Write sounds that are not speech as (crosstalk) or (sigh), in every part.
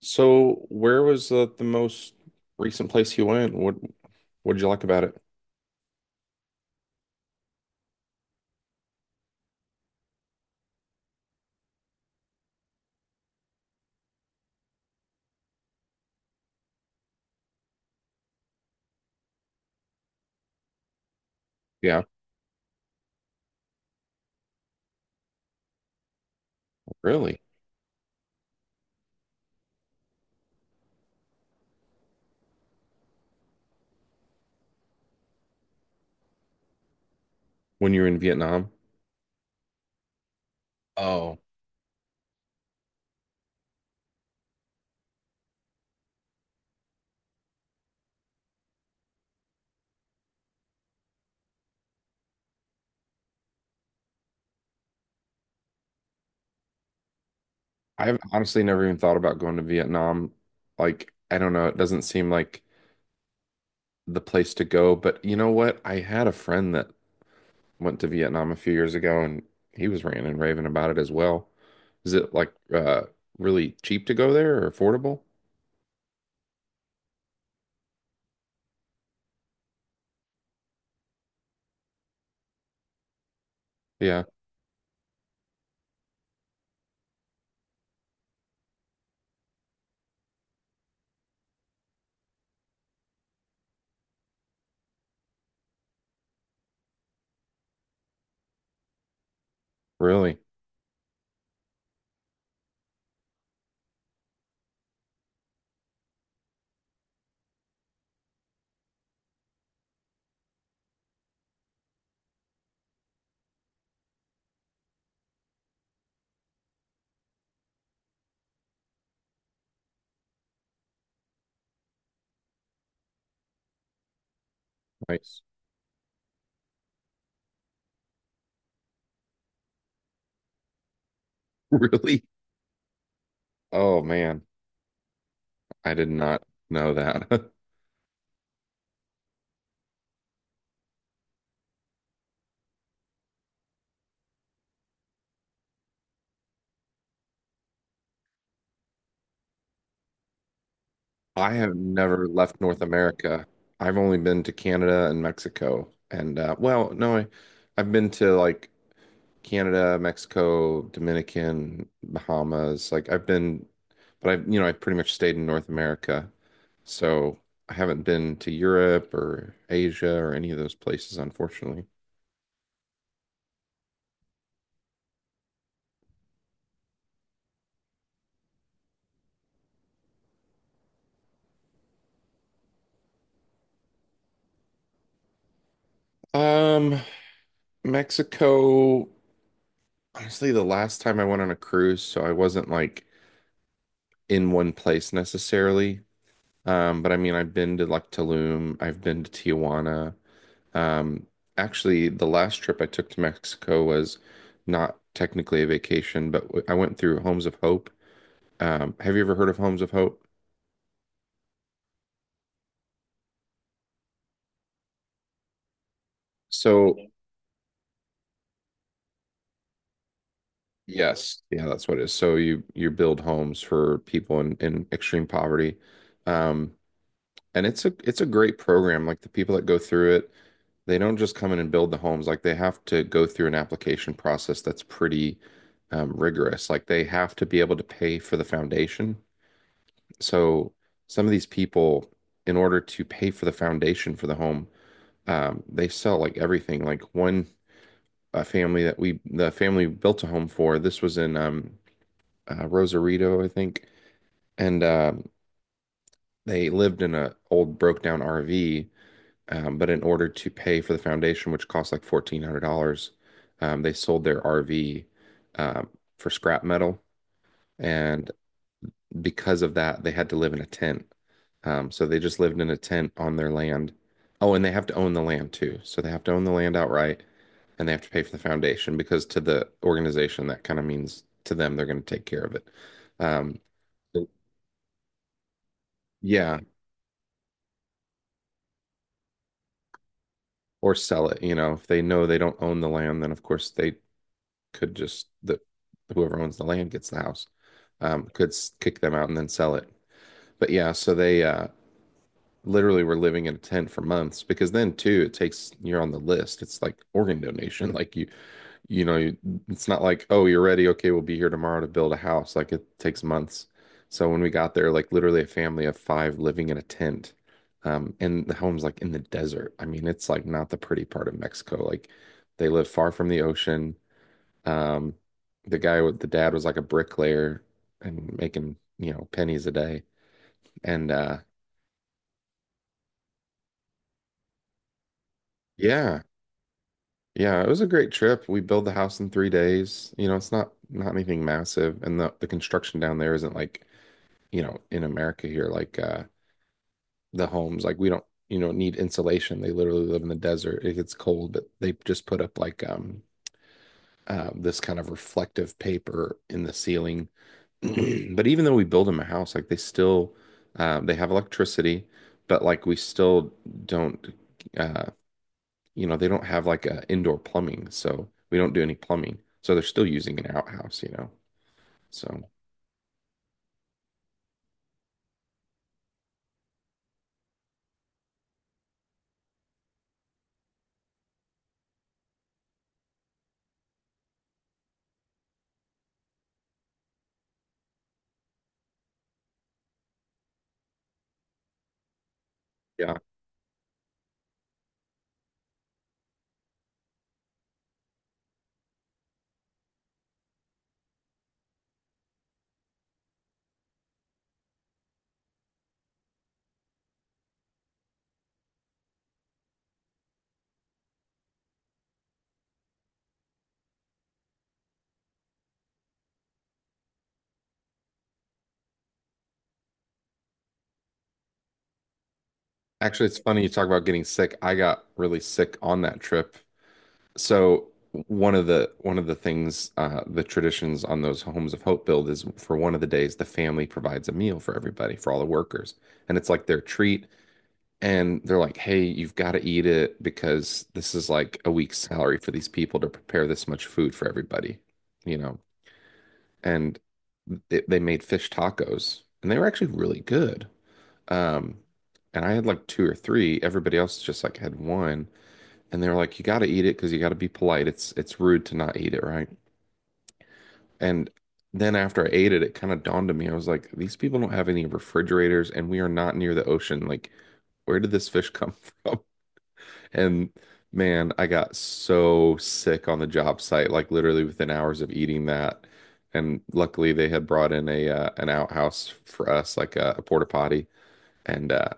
So, where was the most recent place you went? What did you like about it? Yeah, really? When you were in Vietnam? Oh, I've honestly never even thought about going to Vietnam. Like, I don't know, it doesn't seem like the place to go, but you know what? I had a friend that went to Vietnam a few years ago and he was ranting and raving about it as well. Is it like really cheap to go there or affordable? Yeah, really. Nice. (laughs) Really? Oh man, I did not know that. (laughs) I have never left North America. I've only been to Canada and Mexico. And well, no, I've been to like Canada, Mexico, Dominican, Bahamas. Like I've been, but I've pretty much stayed in North America. So I haven't been to Europe or Asia or any of those places, unfortunately. Um, Mexico, honestly, the last time I went on a cruise, so I wasn't like in one place necessarily. But I mean, I've been to like Tulum, I've been to Tijuana. Um, Actually, the last trip I took to Mexico was not technically a vacation, but I went through Homes of Hope. Have you ever heard of Homes of Hope? So, yes, yeah, that's what it is. So you build homes for people in extreme poverty. Um, And it's a great program. Like the people that go through it, they don't just come in and build the homes. Like they have to go through an application process that's pretty rigorous. Like they have to be able to pay for the foundation. So some of these people, in order to pay for the foundation for the home, they sell like everything. Like one a family that we the family built a home for. This was in Rosarito, I think, and they lived in a old broke down RV. But in order to pay for the foundation, which cost like $1,400, they sold their RV um, for scrap metal. And because of that, they had to live in a tent. So they just lived in a tent on their land. Oh, and they have to own the land too. So they have to own the land outright and they have to pay for the foundation because to the organization, that kind of means to them they're going to take care of it. Um, so, yeah, or sell it. You know, if they know they don't own the land, then of course they could just the whoever owns the land gets the house, could kick them out and then sell it. But yeah, so they literally were living in a tent for months because then too it takes you're on the list. It's like organ donation. Like you, it's not like oh you're ready okay we'll be here tomorrow to build a house. Like it takes months. So when we got there, like literally a family of five living in a tent. And the home's like in the desert. I mean, it's like not the pretty part of Mexico. Like they live far from the ocean. um, the guy with the dad was like a bricklayer and making pennies a day. And yeah, yeah, it was a great trip. We built the house in 3 days. You know, it's not anything massive. And the construction down there isn't like in America here, like the homes, like we don't need insulation. They literally live in the desert. It gets cold, but they just put up like this kind of reflective paper in the ceiling. (clears throat) But even though we build them a house, like they still they have electricity, but like we still don't uh, they don't have like indoor plumbing, so we don't do any plumbing. So they're still using an outhouse. So yeah. Actually, it's funny you talk about getting sick. I got really sick on that trip. So one of the things, the traditions on those Homes of Hope build is for one of the days the family provides a meal for everybody, for all the workers. And it's like their treat. And they're like, hey, you've got to eat it because this is like a week's salary for these people to prepare this much food for everybody, you know? And they made fish tacos and they were actually really good. Um, and I had like two or three. Everybody else just like had one. And they were like, you got to eat it because you got to be polite. It's rude to not eat it, right? And then after I ate it, it kind of dawned on me. I was like, these people don't have any refrigerators and we are not near the ocean. Like, where did this fish (laughs) come from? And man, I got so sick on the job site, like literally within hours of eating that. And luckily, they had brought in a an outhouse for us, like a porta potty, and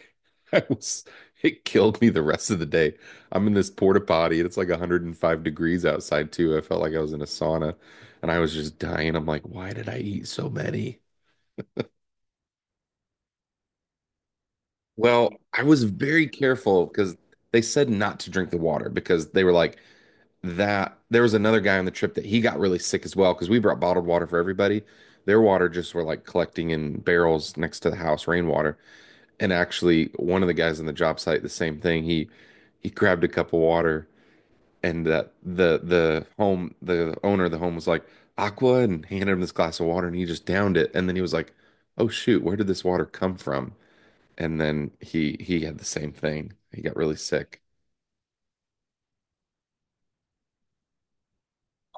(laughs) I was it killed me the rest of the day. I'm in this porta potty, and it's like 105 degrees outside too. I felt like I was in a sauna, and I was just dying. I'm like, why did I eat so many? Well, I was very careful because they said not to drink the water because they were like, that there was another guy on the trip that he got really sick as well because we brought bottled water for everybody. Their water just were like collecting in barrels next to the house, rainwater. And actually, one of the guys on the job site, the same thing. He grabbed a cup of water, and that the owner of the home was like aqua and handed him this glass of water, and he just downed it. And then he was like, "Oh shoot, where did this water come from?" And then he had the same thing. He got really sick.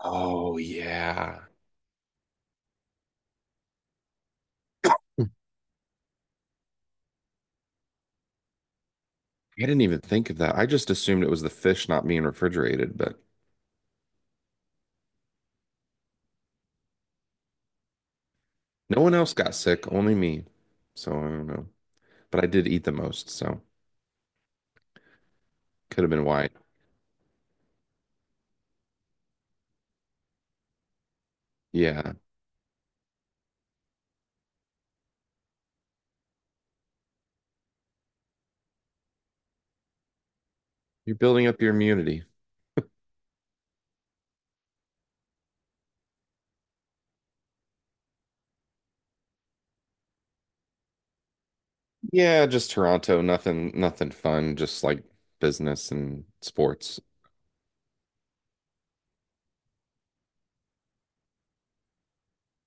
Oh, yeah. I didn't even think of that. I just assumed it was the fish not being refrigerated, but no one else got sick, only me. So I don't know. But I did eat the most, so could have been why. Yeah. You're building up your immunity. Yeah, just Toronto, nothing fun, just like business and sports.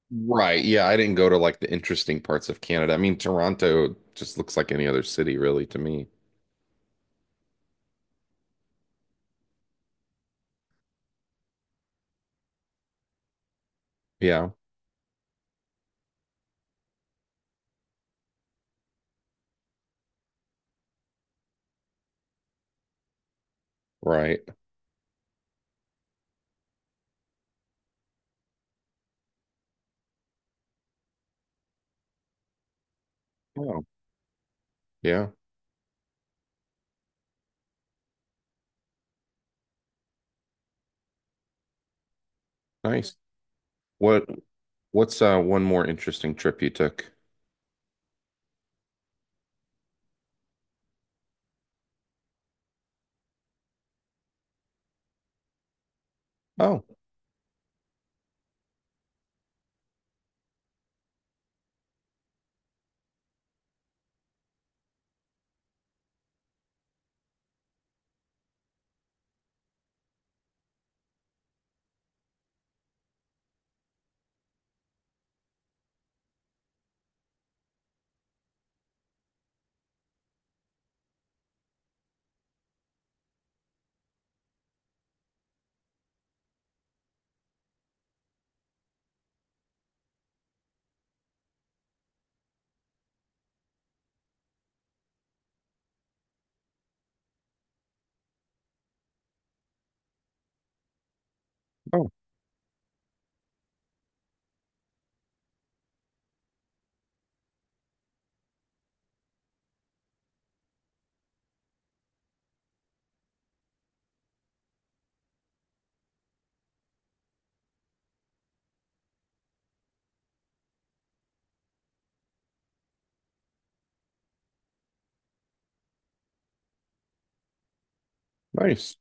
Right. Yeah, I didn't go to like the interesting parts of Canada. I mean, Toronto just looks like any other city really to me. Yeah, right. Oh, yeah. Nice. What what's one more interesting trip you took? Oh, Oh, nice.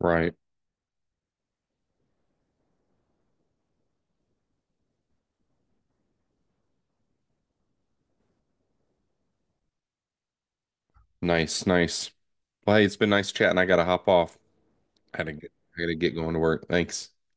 Right. Nice, nice. Well, hey, it's been nice chatting. I gotta hop off. I gotta get going to work. Thanks.